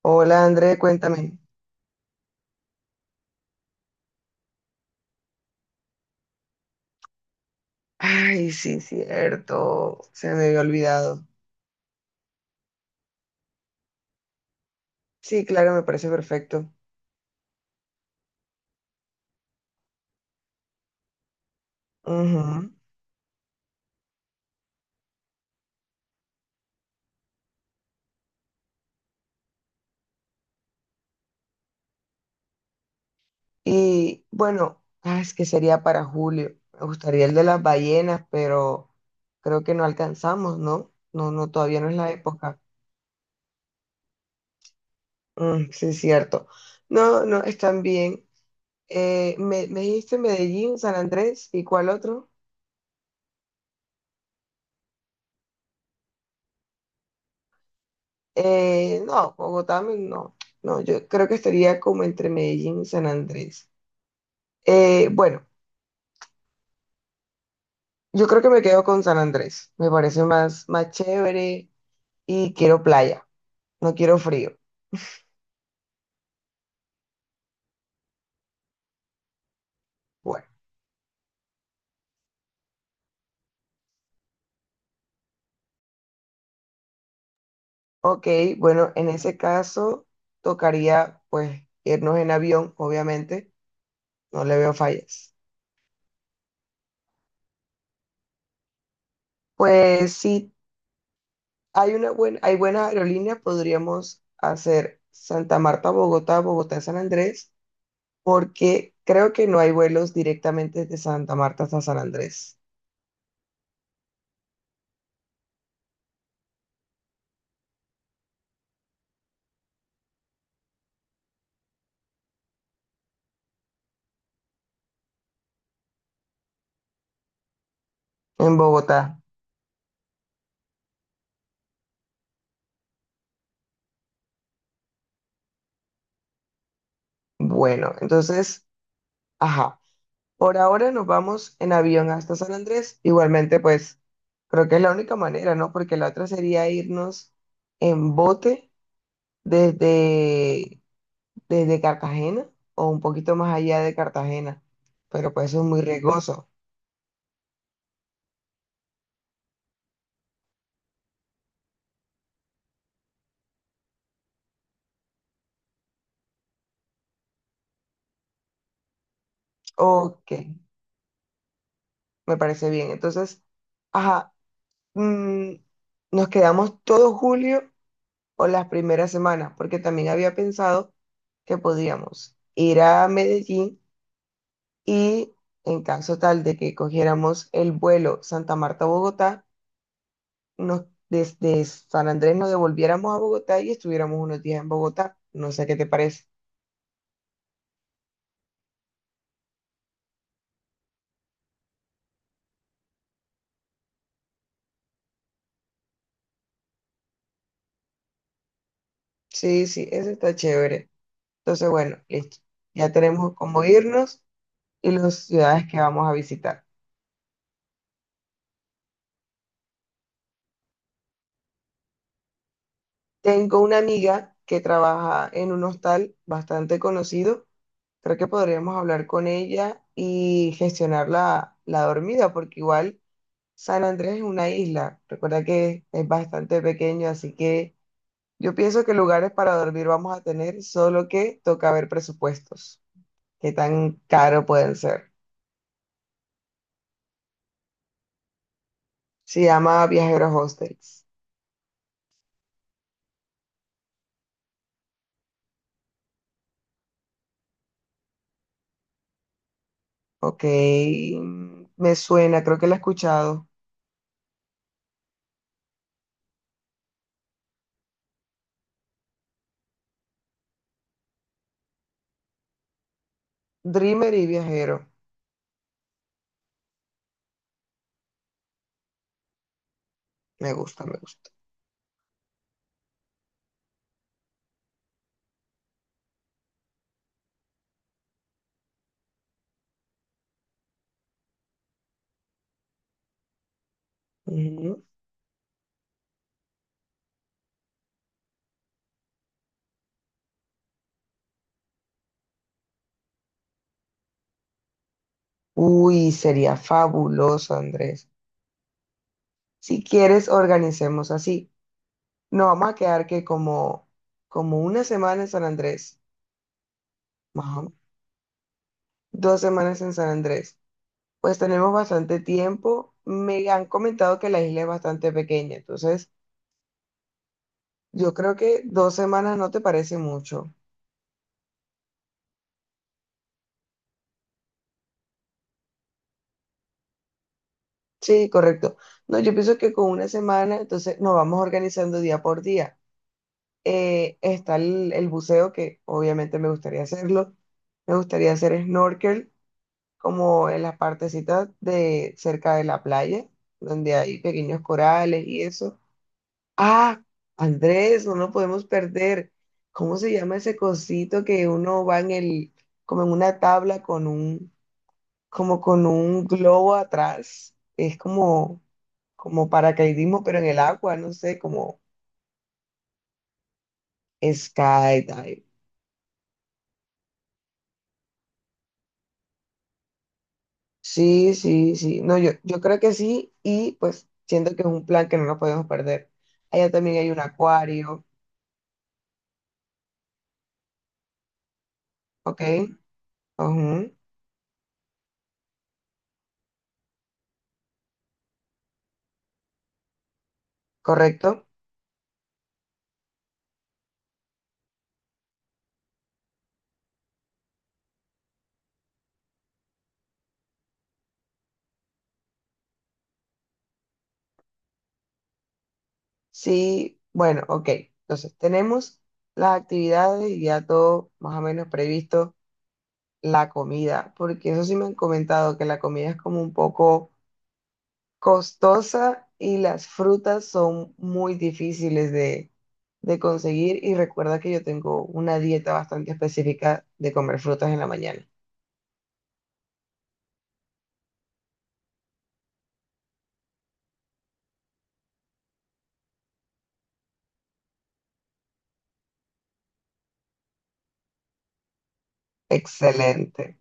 Hola André, cuéntame. Ay, sí, cierto. Se me había olvidado. Sí, claro, me parece perfecto. Ujú. Y bueno, es que sería para julio. Me gustaría el de las ballenas, pero creo que no alcanzamos, ¿no? No, no, todavía no es la época. Mm, sí, cierto. No, no, están bien. Me dijiste Medellín, San Andrés, ¿y cuál otro? No, Bogotá, no. No, yo creo que estaría como entre Medellín y San Andrés. Bueno, yo creo que me quedo con San Andrés. Me parece más chévere y quiero playa, no quiero frío. Bueno, ok, bueno, en ese caso tocaría pues irnos en avión, obviamente, no le veo fallas. Pues si hay una buena, hay buena aerolínea, podríamos hacer Santa Marta, Bogotá, Bogotá, San Andrés, porque creo que no hay vuelos directamente de Santa Marta hasta San Andrés en Bogotá. Bueno, entonces... Ajá. Por ahora nos vamos en avión hasta San Andrés. Igualmente, pues creo que es la única manera, ¿no? Porque la otra sería irnos en bote desde, desde Cartagena o un poquito más allá de Cartagena. Pero pues eso es muy riesgoso. Ok, me parece bien. Entonces, ajá, mm, nos quedamos todo julio o las primeras semanas, porque también había pensado que podíamos ir a Medellín. Y en caso tal de que cogiéramos el vuelo Santa Marta-Bogotá, nos, desde San Andrés nos devolviéramos a Bogotá y estuviéramos unos días en Bogotá. No sé qué te parece. Sí, sí, eso está chévere. Entonces, bueno, listo. Ya tenemos cómo irnos y las ciudades que vamos a visitar. Tengo una amiga que trabaja en un hostal bastante conocido. Creo que podríamos hablar con ella y gestionar la dormida, porque igual San Andrés es una isla, recuerda que es bastante pequeño, así que yo pienso que lugares para dormir vamos a tener, solo que toca ver presupuestos, qué tan caro pueden ser. Se llama Viajeros Hostels. Ok, mm, me suena, creo que la he escuchado. Dreamer y Viajero, me gusta, me gusta. Ujú. Uy, sería fabuloso, Andrés. Si quieres, organicemos así. Nos vamos a quedar que como una semana en San Andrés. Más o 2 semanas en San Andrés. Pues tenemos bastante tiempo. Me han comentado que la isla es bastante pequeña, entonces yo creo que 2 semanas no te parece mucho. Sí, correcto. No, yo pienso que con una semana, entonces nos vamos organizando día por día. Está el buceo, que obviamente me gustaría hacerlo. Me gustaría hacer snorkel, como en las partecitas de cerca de la playa, donde hay pequeños corales y eso. Ah, Andrés, no nos podemos perder. ¿Cómo se llama ese cosito que uno va en el, como en una tabla con un, como con un globo atrás? Es como, como paracaidismo, pero en el agua, no sé, como skydive. Sí, sí, sí. No, yo creo que sí, y pues siento que es un plan que no nos podemos perder. Allá también hay un acuario, ¿ok? Ujú, correcto. Sí, bueno, ok. Entonces, tenemos las actividades y ya todo más o menos previsto, la comida, porque eso sí me han comentado que la comida es como un poco costosa y las frutas son muy difíciles de conseguir y recuerda que yo tengo una dieta bastante específica de comer frutas en la mañana. Excelente.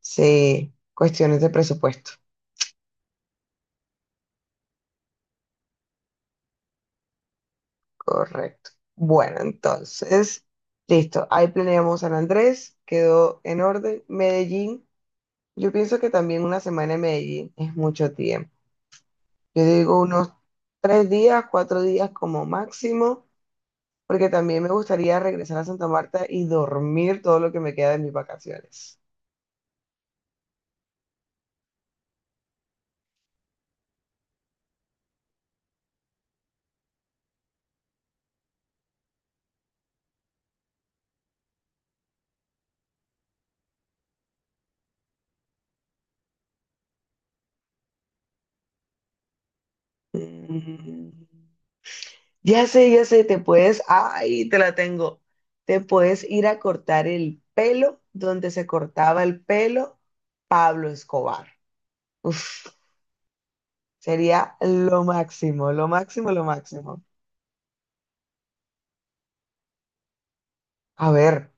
Sí, cuestiones de presupuesto. Correcto. Bueno, entonces, listo. Ahí planeamos San Andrés, quedó en orden. Medellín, yo pienso que también una semana en Medellín es mucho tiempo. Yo digo unos 3 días, 4 días como máximo, porque también me gustaría regresar a Santa Marta y dormir todo lo que me queda de mis vacaciones. Mm. Ya sé, te puedes, ay, te la tengo. Te puedes ir a cortar el pelo donde se cortaba el pelo Pablo Escobar. Uf, sería lo máximo, lo máximo, lo máximo. A ver,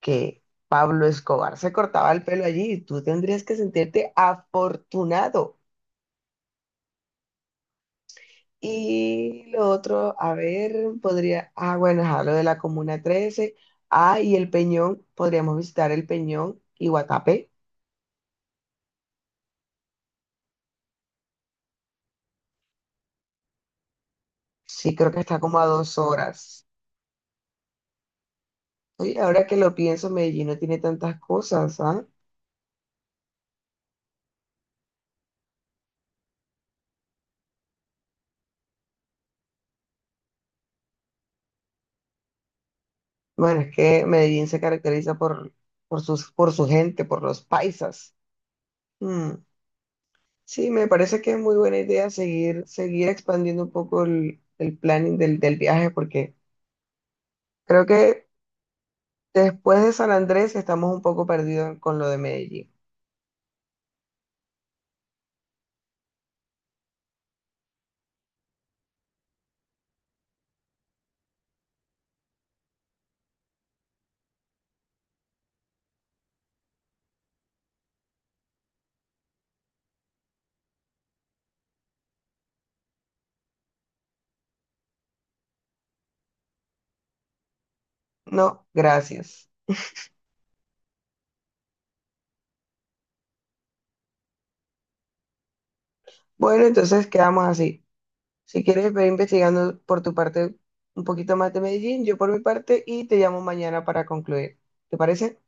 que Pablo Escobar se cortaba el pelo allí y tú tendrías que sentirte afortunado. Y lo otro, a ver, podría, ah, bueno, ajá, lo de la Comuna 13. Ah, y el Peñón, podríamos visitar el Peñón y Guatapé. Sí, creo que está como a 2 horas. Oye, ahora que lo pienso, Medellín no tiene tantas cosas, ¿ah? Bueno, es que Medellín se caracteriza por su gente, por los paisas. Mm. Sí, me parece que es muy buena idea seguir expandiendo un poco el planning del viaje, porque creo que después de San Andrés estamos un poco perdidos con lo de Medellín. No, gracias. Bueno, entonces quedamos así. Si quieres, ve investigando por tu parte un poquito más de Medellín, yo por mi parte, y te llamo mañana para concluir. ¿Te parece?